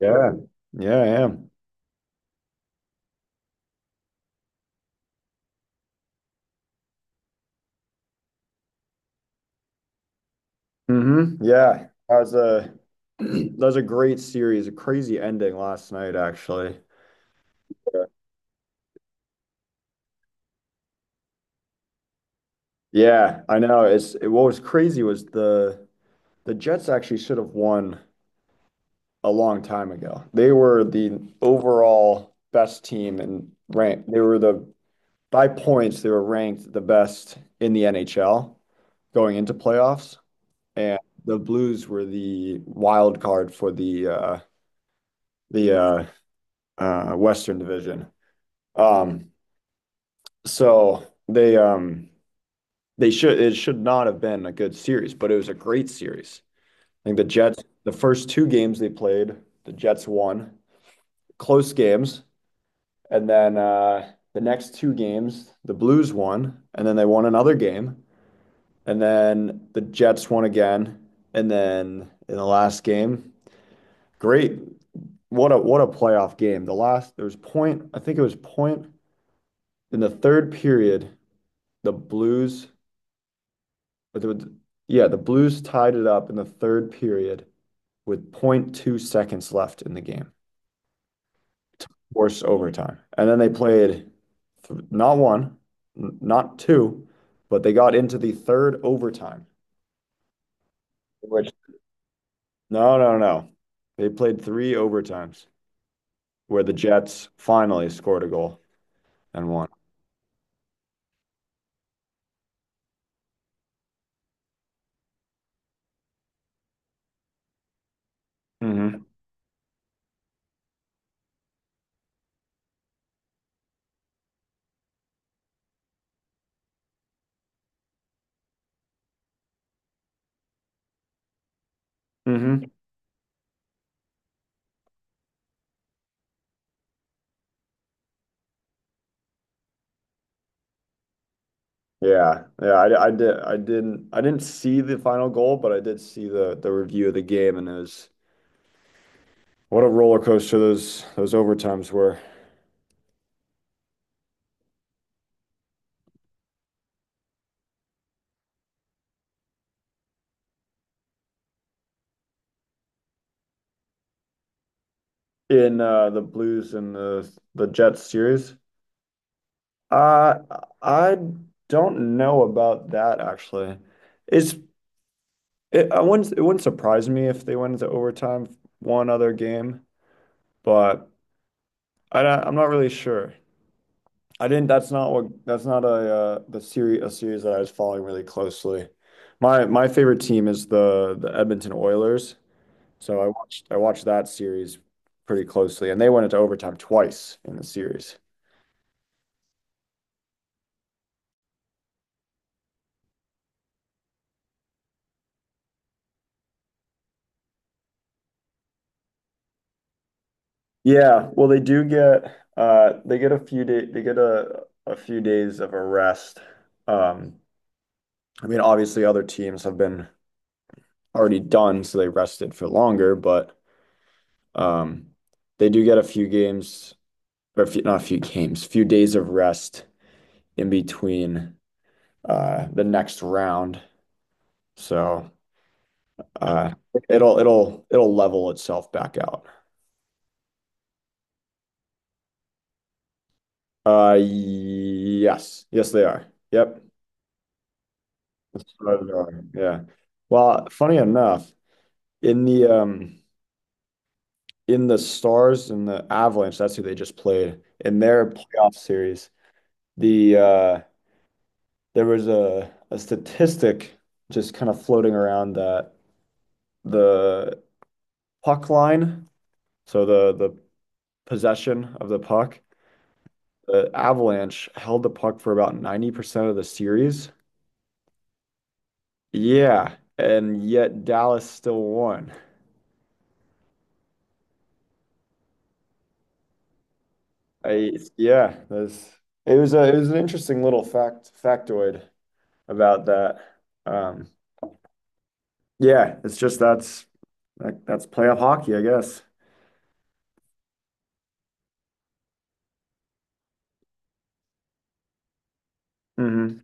Yeah, yeah, I am. Mm-hmm. Yeah, that was a that was a great series, a crazy ending last night, actually. Yeah, yeah, I know. What was crazy was the Jets actually should have won a long time ago. They were the overall best team and ranked. They were the by points. They were ranked the best in the NHL going into playoffs, and the Blues were the wild card for the the uh, Western Division. Um, so they should it should not have been a good series, but it was a great series. I think the Jets, the first two games they played, the Jets won close games, and then the next two games the Blues won, and then they won another game, and then the Jets won again, and then in the last game, great. What a playoff game. The last there was point, I think it was point in the third period the Blues, the- yeah, the Blues tied it up in the third period with zero point 0.2 seconds left in the game, forced overtime. And then they played not one, not two, but they got into the third overtime, which no, no, no. They played three overtimes where the Jets finally scored a goal and won. Hmm. Hmm. Yeah, yeah, I didn't see the final goal, but I did see the review of the game, and it was what a roller coaster those overtimes were in the Blues and the Jets series. Uh, I don't know about that actually. It's I wouldn't it wouldn't surprise me if they went into overtime one other game, but I'm not really sure. I didn't. That's not what. That's not a series that I was following really closely. My favorite team is the Edmonton Oilers. So I watched that series pretty closely, and they went into overtime twice in the series. Yeah, well, they do get they get a few day they get a few days of a rest. Um, I mean, obviously other teams have been already done, so they rested for longer, but um they do get a few games or a few, not a few games, few days of rest in between the next round. So uh it'll level itself back out. Yes, yes, they are. Yep. Stars are. Yeah. Well, funny enough, in the um in the Stars and the Avalanche, that's who they just played in their playoff series. The uh there was a statistic just kind of floating around that the puck line, so the possession of the puck, the Avalanche held the puck for about 90% of the series. Yeah, and yet Dallas still won. I yeah, that's it was an interesting little factoid about that. Um, yeah, it's just that's, like, that's playoff hockey, I guess. Hmm.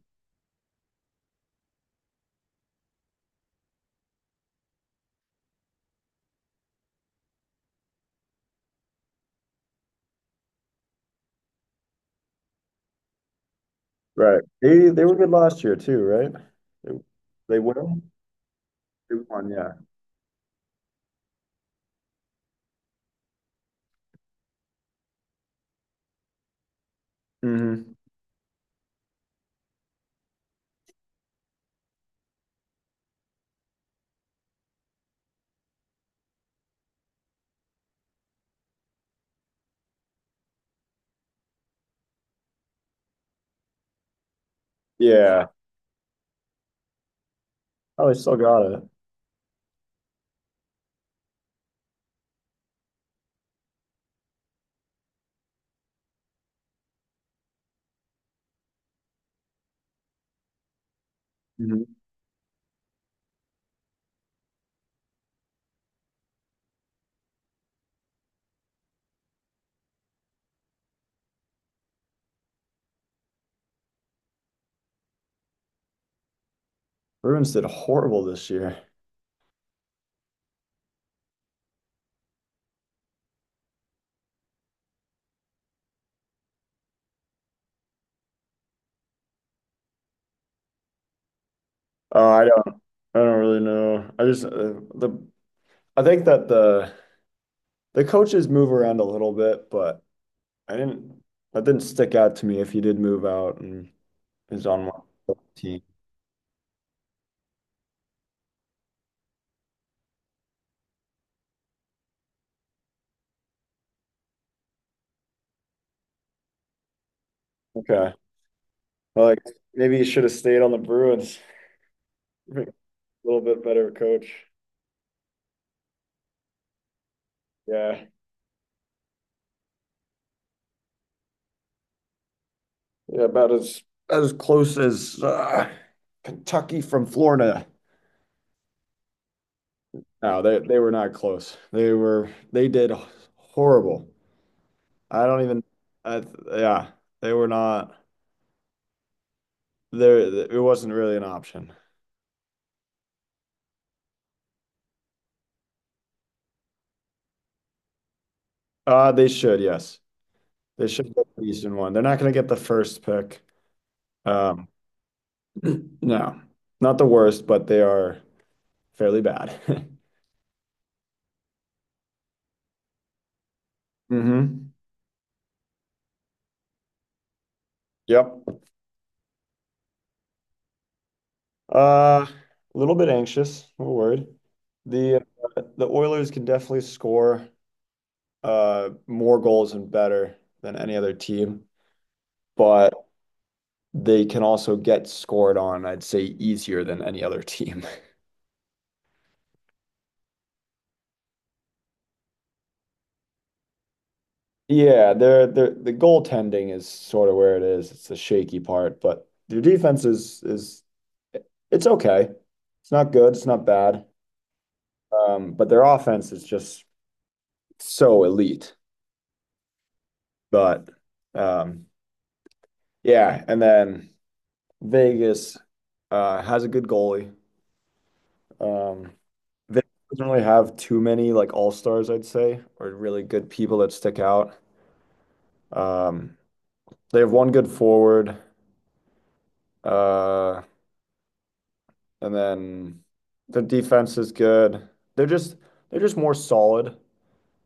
Right. They were good last year too, right? They, they won. They won, yeah. Hmm. Yeah. Oh, they still got it. Hmm. Bruins did horrible this year. Oh, I don't really know. The I think that the coaches move around a little bit, but I didn't, that didn't stick out to me if he did move out and is on one team. Okay. Well, like maybe he should have stayed on the Bruins. A little bit better coach. Yeah. Yeah, about as close as Kentucky from Florida. No, they were not close. They did horrible. I don't even I th- Yeah, they were not there. It wasn't really an option. They should, yes. They should get the Eastern one. They're not going to get the first pick. Um, No, not the worst, but they are fairly bad. Hmm. Yep. A little bit anxious, a little worried. The the Oilers can definitely score more goals and better than any other team, but they can also get scored on, I'd say, easier than any other team. Yeah, the goaltending is sort of where it is. It's the shaky part, but their defense is it's okay. It's not good, it's not bad. But their offense is just so elite. But um, yeah, and then Vegas has a good goalie. Um, Vegas doesn't really have too many like all-stars, I'd say, or really good people that stick out. Um, they have one good forward, uh, and then the defense is good. They're just they're just more solid.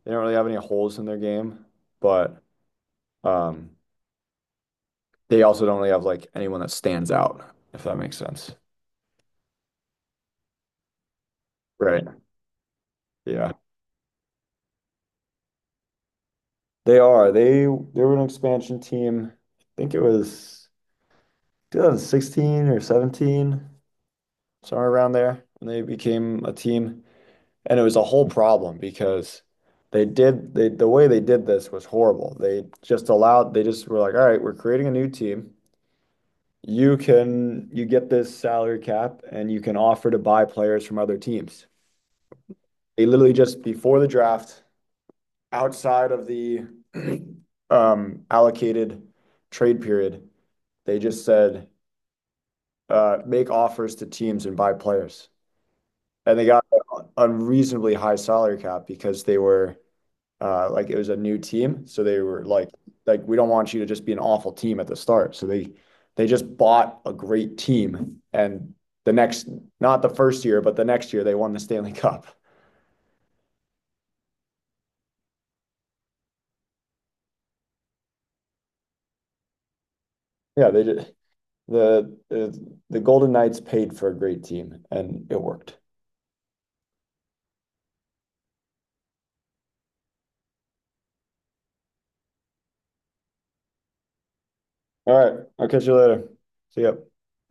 They don't really have any holes in their game, but um, they also don't really have like anyone that stands out, if that makes sense. Right. Yeah. They are. They were an expansion team. I think it was 2016 or 17, somewhere around there, when they became a team. And it was a whole problem because the way they did this was horrible. They just were like, all right, we're creating a new team. You get this salary cap and you can offer to buy players from other teams. They literally just before the draft outside of the allocated trade period, they just said, "Make offers to teams and buy players." And they got unreasonably high salary cap because they were like it was a new team, so they were like, "We don't want you to just be an awful team at the start." So they just bought a great team, and the next, not the first year, but the next year, they won the Stanley Cup. Yeah, they just, the Golden Knights paid for a great team, and it worked. All right. I'll catch you later. See ya.